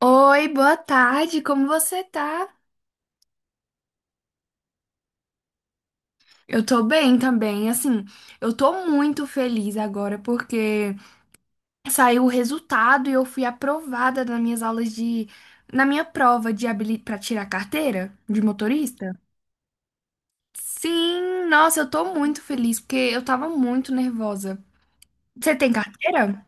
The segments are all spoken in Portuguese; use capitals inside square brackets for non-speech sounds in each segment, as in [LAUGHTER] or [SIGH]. Oi, boa tarde, como você tá? Eu tô bem também, assim, eu tô muito feliz agora porque saiu o resultado e eu fui aprovada nas minhas aulas de, na minha prova de habili... para tirar carteira de motorista. Sim, nossa, eu tô muito feliz porque eu tava muito nervosa. Você tem carteira?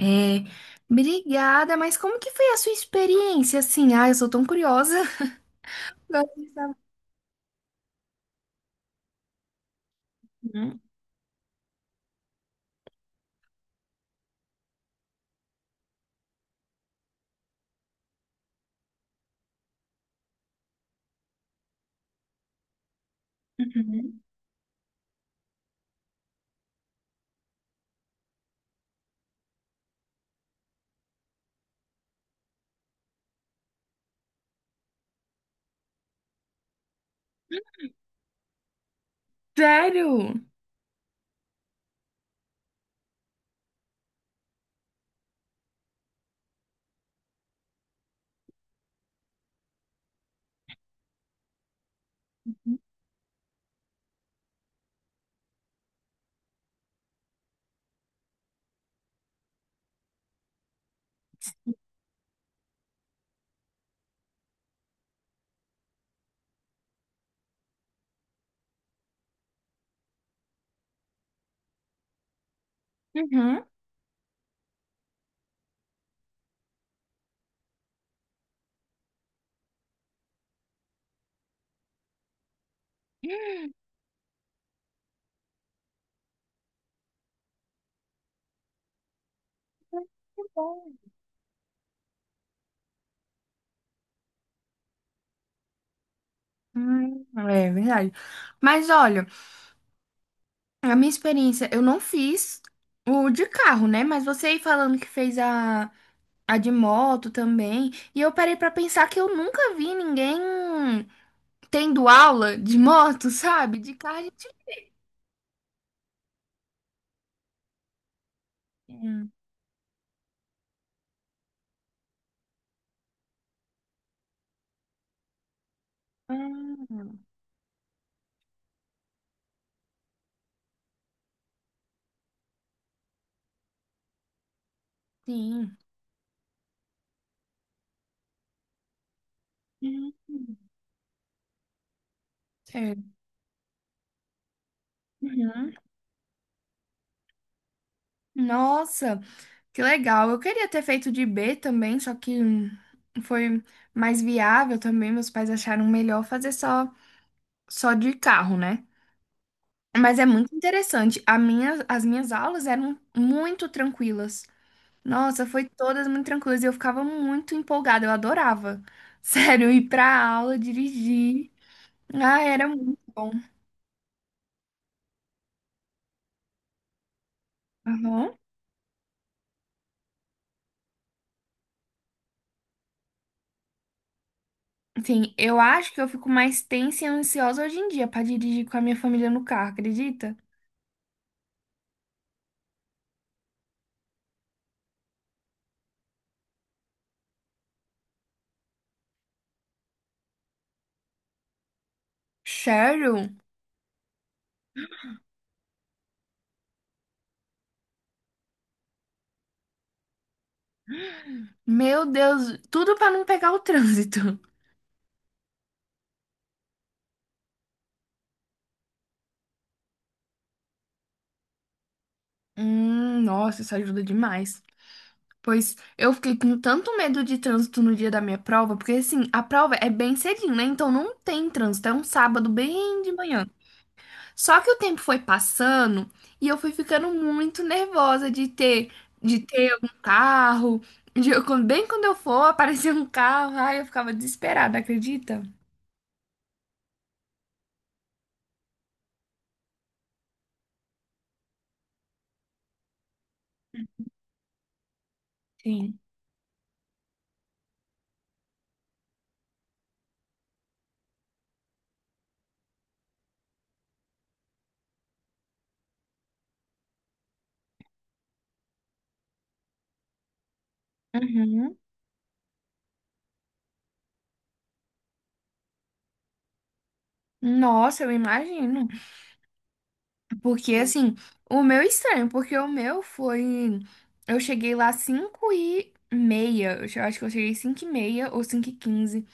É, obrigada, mas como que foi a sua experiência, assim? Ah, eu sou tão curiosa. [LAUGHS] Gosto de saber. Sério? Uhum. É verdade. Mas olha, a minha experiência, eu não fiz o de carro, né? Mas você aí falando que fez a de moto também. E eu parei pra pensar que eu nunca vi ninguém tendo aula de moto, [LAUGHS] sabe? De carro a gente. Hum. Ah, sim. Hum. Certo. Uhum. Nossa, que legal. Eu queria ter feito de B também, só que foi mais viável também. Meus pais acharam melhor fazer só. Só de carro, né? Mas é muito interessante. A minha, as minhas aulas eram muito tranquilas. Nossa, foi todas muito tranquilas e eu ficava muito empolgada, eu adorava. [LAUGHS] Sério, ir pra aula, dirigir. Ah, era muito bom. Aham. Sim, eu acho que eu fico mais tensa e ansiosa hoje em dia pra dirigir com a minha família no carro, acredita? Sério? Meu Deus, tudo pra não pegar o [LAUGHS] trânsito. Nossa, isso ajuda demais. Pois eu fiquei com tanto medo de trânsito no dia da minha prova, porque assim, a prova é bem cedinho, né? Então não tem trânsito, é um sábado bem de manhã. Só que o tempo foi passando e eu fui ficando muito nervosa de ter algum carro. De eu- quando- bem quando eu for, aparecer um carro, ai, eu ficava desesperada, acredita? Sim. Uhum. Nossa, eu imagino. Porque, assim, o meu é estranho, porque o meu foi. Eu cheguei lá 5 e meia. Eu che- acho que eu cheguei 5 e meia ou 5 e quinze.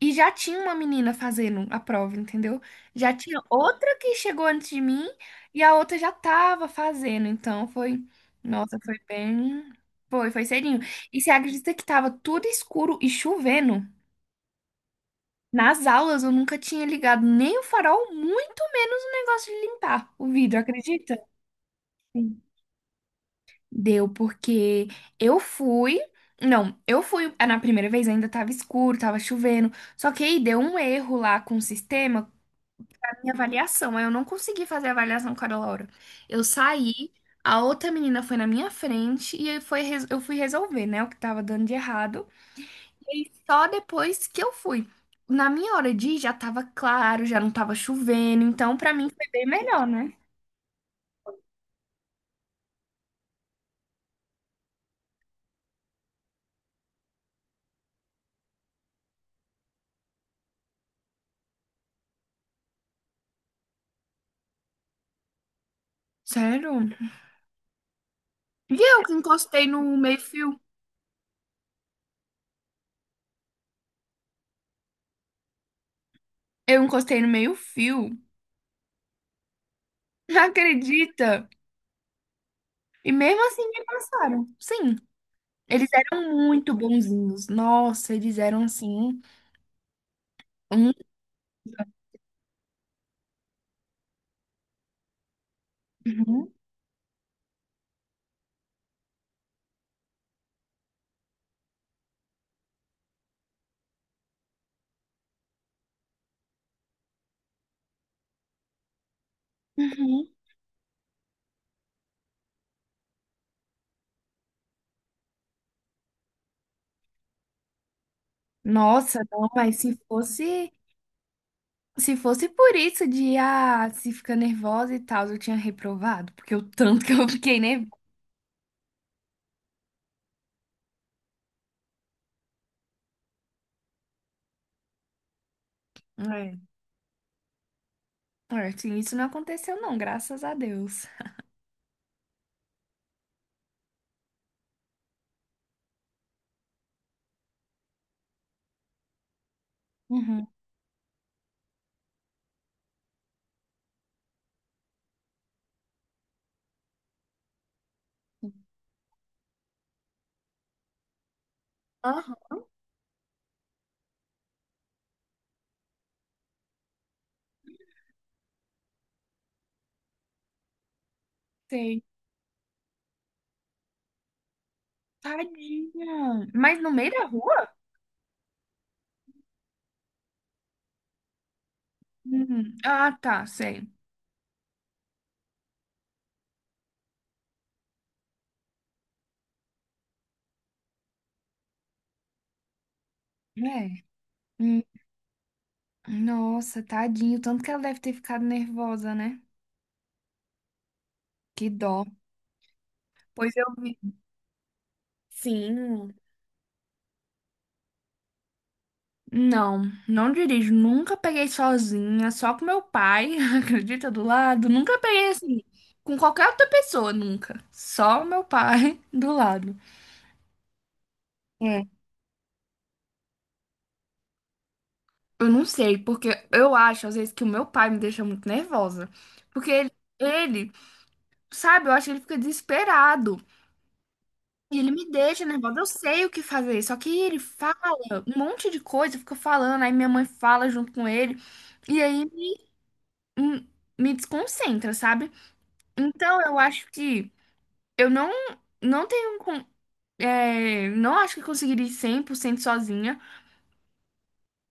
E já tinha uma menina fazendo a prova, entendeu? Já tinha outra que chegou antes de mim e a outra já tava fazendo. Então foi. Nossa, foi bem. Foi, foi cedinho. E você acredita que tava tudo escuro e chovendo? Nas aulas eu nunca tinha ligado nem o farol, muito menos o negócio de limpar o vidro, acredita? Deu, porque eu fui. Não, eu fui na primeira vez, ainda tava escuro, tava chovendo. Só que aí deu um erro lá com o sistema, com a minha avaliação. Aí eu não consegui fazer a avaliação com a Laura. Eu saí, a outra menina foi na minha frente e aí foi, res- eu fui resolver, né, o que tava dando de errado. E aí só depois que eu fui. Na minha hora de ir já tava claro, já não tava chovendo. Então, pra mim foi bem melhor, né? Sério? E eu que encostei no meio-fio. Eu encostei no meio-fio. [LAUGHS] Acredita? E mesmo assim me passaram. Sim, eles eram muito bonzinhos. Nossa, eles eram assim. Um- uhum, uhum. Nossa, não, mas se fosse, se fosse por isso de se ficar nervosa e tal, eu tinha reprovado, porque o tanto que eu fiquei nervosa. É, é, assim, isso não aconteceu, não, graças a Deus. Uhum. Aham, sei. Tadinha. Mas no meio da rua? Ah, tá, sei. É. Nossa, tadinho, tanto que ela deve ter ficado nervosa, né? Que dó. Pois eu vi. Sim. Não, não dirijo. Nunca peguei sozinha, só com meu pai, [LAUGHS] acredita, do lado. Nunca peguei assim, com qualquer outra pessoa, nunca. Só o meu pai [LAUGHS] do lado. É. Eu não sei, porque eu acho, às vezes, que o meu pai me deixa muito nervosa. Porque ele, sabe, eu acho que ele fica desesperado. E ele me deixa nervosa, eu sei o que fazer, só que ele fala um monte de coisa, fica falando, aí minha mãe fala junto com ele, e aí hum, me desconcentra, sabe? Então eu acho que eu não, não tenho, con- é, não acho que eu conseguiria ir 100% sozinha,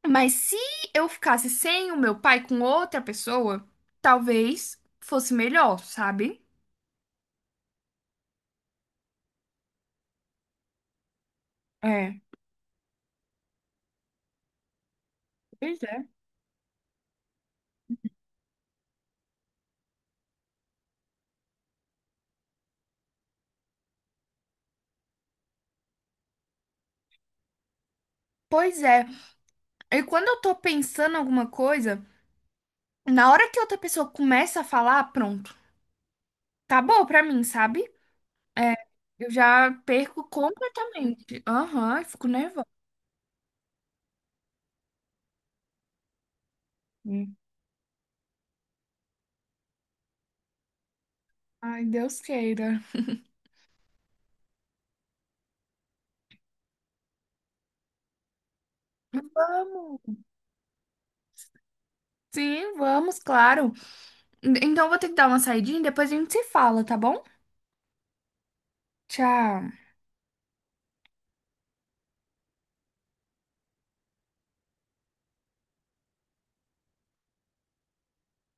mas se eu ficasse sem o meu pai com outra pessoa, talvez fosse melhor, sabe? É, pois é. Pois é, e quando eu tô pensando em alguma coisa. Na hora que outra pessoa começa a falar, pronto. Acabou pra mim, sabe? É, eu já perco completamente. Aham, eu fico nervosa. Ai, Deus queira. Vamos. Sim, vamos, claro. Então eu vou ter que dar uma saidinha e depois a gente se fala, tá bom? Tchau.